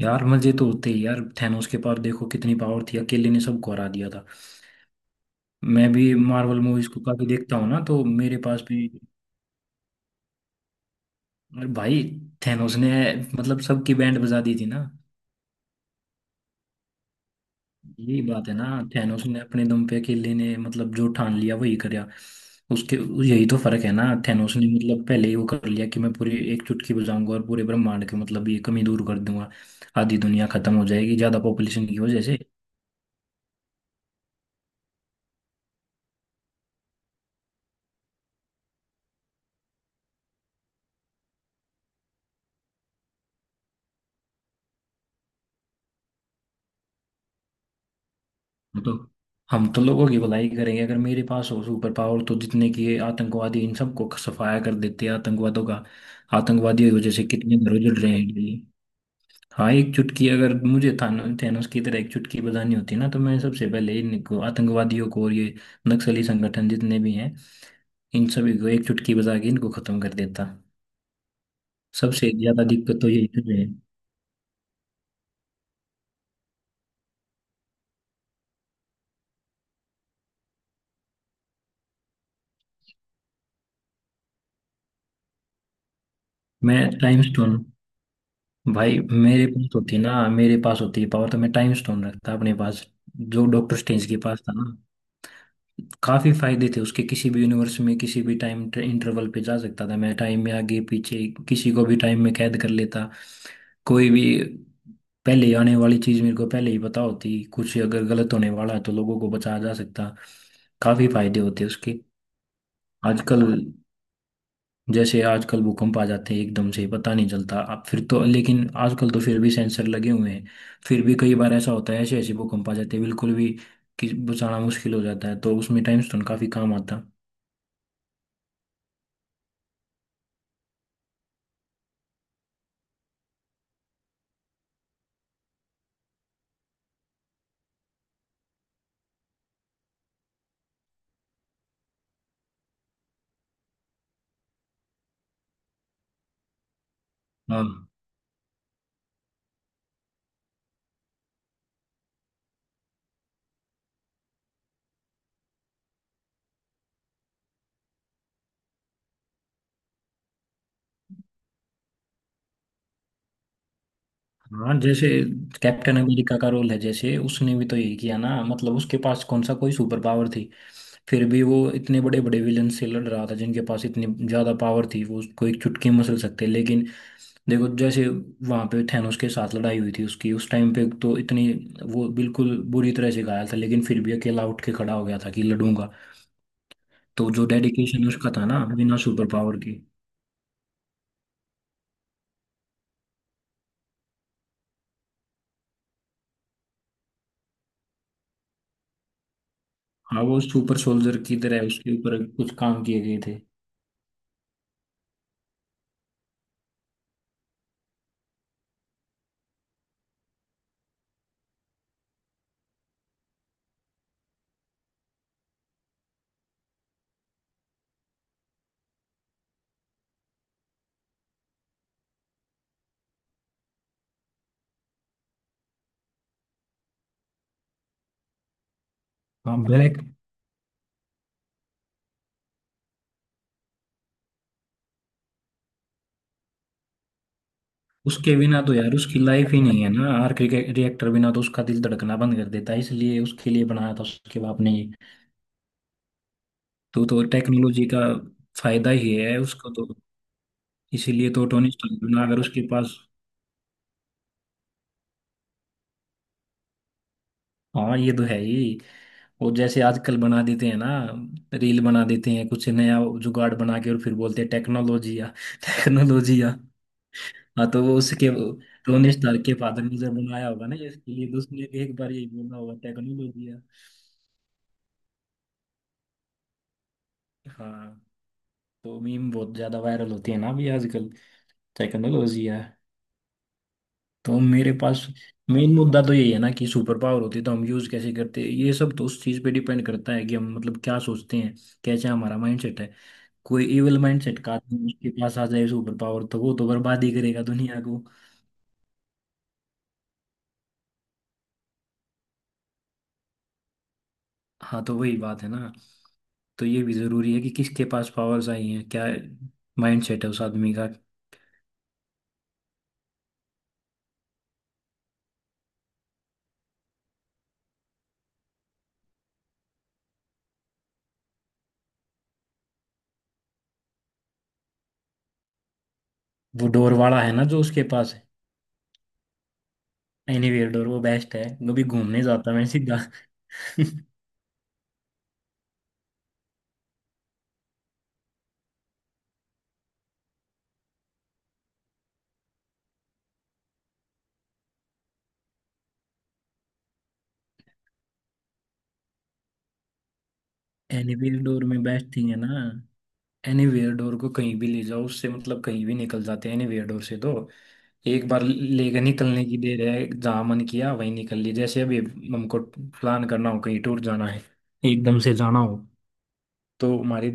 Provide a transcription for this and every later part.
यार मजे तो होते ही यार। थैनोस के पास देखो कितनी पावर थी, अकेले ने सबको हरा दिया था। मैं भी मार्वल मूवीज को काफी देखता हूँ ना, तो मेरे पास भी। अरे भाई, थैनोस ने मतलब सबकी बैंड बजा दी थी ना। यही बात है ना। थैनोस ने अपने दम पे अकेले ने मतलब जो ठान लिया वही करा उसके। यही तो फर्क है ना। थैनोस ने मतलब पहले ही वो कर लिया कि मैं पूरी एक चुटकी बजाऊंगा और पूरे ब्रह्मांड के मतलब ये कमी दूर कर दूंगा। आधी दुनिया खत्म हो जाएगी ज्यादा पॉपुलेशन की वजह से। हम तो हम तो लोगों की भलाई करेंगे। अगर मेरे पास हो सुपर पावर तो जितने की ये आतंकवादी इन सबको सफाया कर देते हैं आतंकवादों का। आतंकवादियों की वजह से कितने घरों जल रहे हैं डेली। हाँ, एक चुटकी अगर मुझे थानो थैनोस की तरह एक चुटकी बजानी होती ना, तो मैं सबसे पहले इनको आतंकवादियों को और ये नक्सली संगठन जितने भी हैं इन सभी को एक चुटकी बजा के इनको खत्म कर देता। सबसे ज्यादा दिक्कत तो यही कर रहे हैं। मैं टाइम स्टोन। भाई मेरे पास होती ना, मेरे पास होती है पावर तो मैं टाइम स्टोन रखता अपने पास। जो डॉक्टर स्ट्रेंज के पास था ना। काफी फायदे थे उसके। किसी भी यूनिवर्स में किसी भी टाइम इंटरवल पे जा सकता था, मैं टाइम में आगे पीछे किसी को भी टाइम में कैद कर लेता। कोई भी पहले आने वाली चीज मेरे को पहले ही पता होती। कुछ अगर गलत होने वाला है तो लोगों को बचाया जा सकता। काफी फायदे होते उसके। आजकल, जैसे आजकल भूकंप आ जाते हैं एकदम से पता नहीं चलता अब। फिर तो लेकिन आजकल तो फिर भी सेंसर लगे हुए हैं। फिर भी कई बार ऐसा होता है ऐसे ऐसे भूकंप आ जाते हैं बिल्कुल भी कि बचाना मुश्किल हो जाता है, तो उसमें टाइम स्टोन काफी काम आता। हाँ, हाँ। जैसे कैप्टन अमेरिका का रोल है, जैसे उसने भी तो यही किया ना। मतलब उसके पास कौन सा कोई सुपर पावर थी। फिर भी वो इतने बड़े बड़े विलन से लड़ रहा था जिनके पास इतनी ज्यादा पावर थी, वो उसको एक चुटकी मसल सकते, लेकिन देखो। जैसे वहां पे थैनोस के साथ लड़ाई हुई थी उसकी, उस टाइम पे तो इतनी वो बिल्कुल बुरी तरह से घायल था लेकिन फिर भी अकेला उठ के खड़ा हो गया था कि लड़ूंगा। तो जो डेडिकेशन उसका था ना, बिना सुपर पावर के। हाँ, वो सुपर सोल्जर की तरह उसके ऊपर कुछ काम किए गए थे। हाँ, ब्लैक। उसके बिना तो यार उसकी लाइफ ही नहीं है ना, आर्क रिएक्टर बिना तो उसका दिल धड़कना बंद कर देता है, इसलिए उसके लिए बनाया था उसके बाप ने ये। तो टेक्नोलॉजी का फायदा ही है उसको तो। इसीलिए तो टोनी स्टार्क बना, अगर उसके पास। हाँ, ये तो है ही। और जैसे आजकल बना देते हैं ना, रील बना देते हैं कुछ नया जुगाड़ बना के और फिर बोलते हैं टेक्नोलॉजी या। टेक्नोलॉजी या। हाँ, तो वो उसके टोनी स्टार के फादर ने जब बनाया होगा ना इसके लिए, तो उसने एक बार यही बोला होगा टेक्नोलॉजी या। हाँ, तो मीम बहुत ज्यादा वायरल होती है ना अभी आजकल। टेक्नोलॉजी या। तो मेरे पास मेन मुद्दा तो यही है ना कि सुपर पावर होती है तो हम यूज कैसे करते हैं, ये सब तो उस चीज पे डिपेंड करता है कि हम मतलब क्या सोचते हैं, कैसे हमारा माइंडसेट है। कोई इविल माइंडसेट का आदमी उसके पास आ जाए सुपर पावर, तो वो तो बर्बाद ही करेगा दुनिया को। हाँ, तो वही बात है ना। तो ये भी जरूरी है कि किसके पास पावर्स आई हैं, क्या माइंडसेट है उस आदमी का। वो डोर वाला है ना जो उसके पास है। एनीवेयर डोर वो बेस्ट है। कभी घूमने जाता मैं सीधा। एनीवेयर डोर में बेस्ट थिंग है ना। एनीवेयर डोर को कहीं भी ले जाओ, उससे मतलब कहीं भी निकल जाते हैं एनीवेयर डोर से तो। एक बार लेकर निकलने की देर है, जहाँ मन किया वहीं निकल ली। जैसे अभी हमको प्लान करना हो कहीं टूर जाना है, एकदम से जाना हो तो हमारी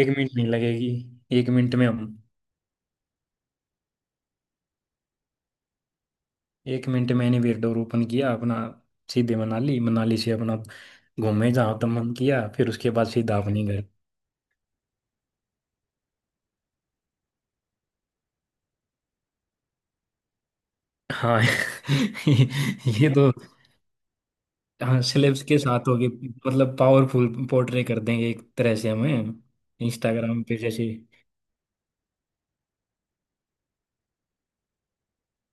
एक मिनट नहीं लगेगी। एक मिनट में हम, एक मिनट में एनीवेयर डोर ओपन किया अपना, सीधे मनाली, मनाली से अपना घूमे जहाँ तक मन किया फिर उसके बाद सीधा अपने घर। हाँ। ये तो। हाँ, सेलेब्स के साथ होगी, मतलब पावरफुल पोर्ट्रे कर देंगे एक तरह से हमें इंस्टाग्राम पे जैसे।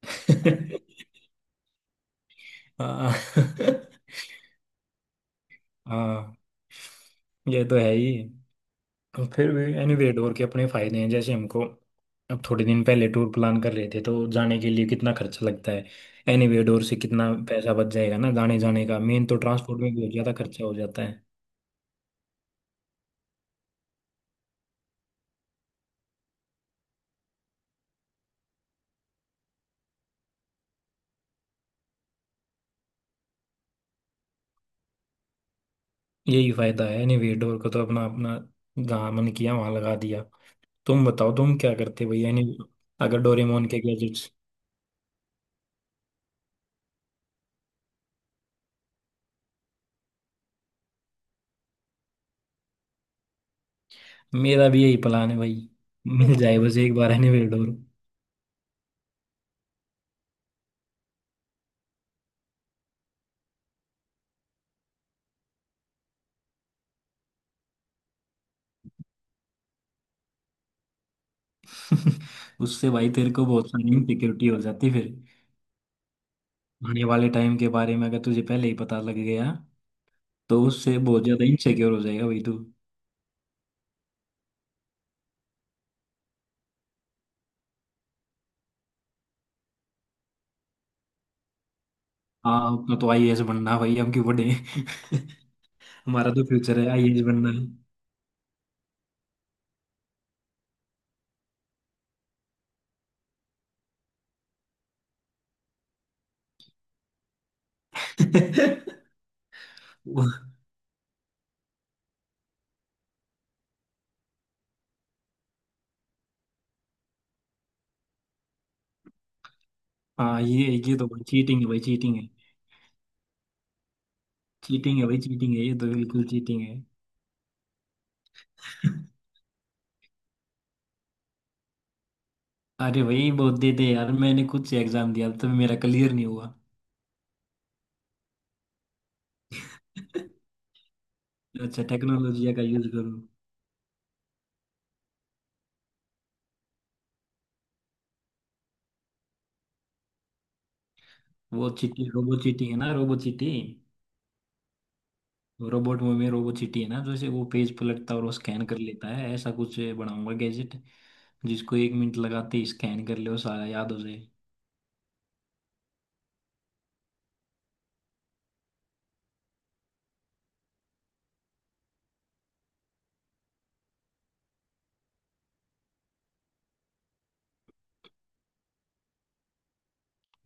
हाँ, हाँ, ये तो है ही। फिर भी एनीवे डोर के अपने फायदे हैं, जैसे हमको अब थोड़े दिन पहले टूर प्लान कर रहे थे तो जाने के लिए कितना खर्चा लगता है, एनीवे डोर से कितना पैसा बच जाएगा ना। जाने जाने का मेन तो ट्रांसपोर्ट में बहुत ज़्यादा खर्चा हो जाता है। यही फायदा है एनीवे डोर का, तो अपना अपना, जहाँ मन किया वहाँ लगा दिया। तुम बताओ तुम क्या करते भाई यानी अगर डोरेमोन के गैजेट्स। मेरा भी यही प्लान है भाई। मिल जाए बस एक बार एनीवेयर डोर। उससे भाई तेरे को बहुत सारी इनसिक्योरिटी हो जाती फिर। आने वाले टाइम के बारे में अगर तुझे पहले ही पता लग गया, तो उससे बहुत ज्यादा इनसिक्योर हो जाएगा भाई तू। हाँ, अपना तो आईएएस बनना भाई, हम क्यों बने? हमारा तो फ्यूचर है आईएएस बनना। वो- हाँ, ये तो भाई चीटिंग है, भाई चीटिंग है। चीटिंग है भाई, चीटिंग है, ये तो बिल्कुल चीटिंग है। अरे, वही बहुत देते हैं यार, मैंने खुद से एग्जाम दिया तब मेरा क्लियर नहीं हुआ। अच्छा, टेक्नोलॉजी का यूज करूँ। वो चीटी रोबो, चीटी है ना, रोबो चीटी। रोबोट में रोबो चीटी है ना, जैसे वो पेज पलटता और वो स्कैन कर लेता है, ऐसा कुछ बनाऊंगा गैजेट जिसको एक मिनट लगाते ही स्कैन कर ले और सारा याद हो जाए।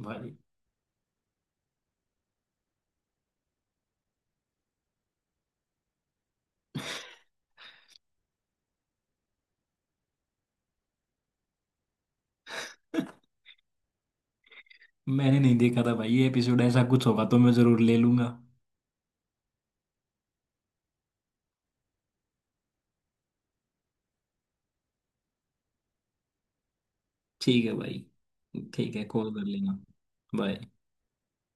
भाई मैंने नहीं देखा था भाई ये एपिसोड, ऐसा कुछ होगा तो मैं जरूर ले लूंगा। ठीक है भाई। ठीक है, कॉल कर लेना। बाय।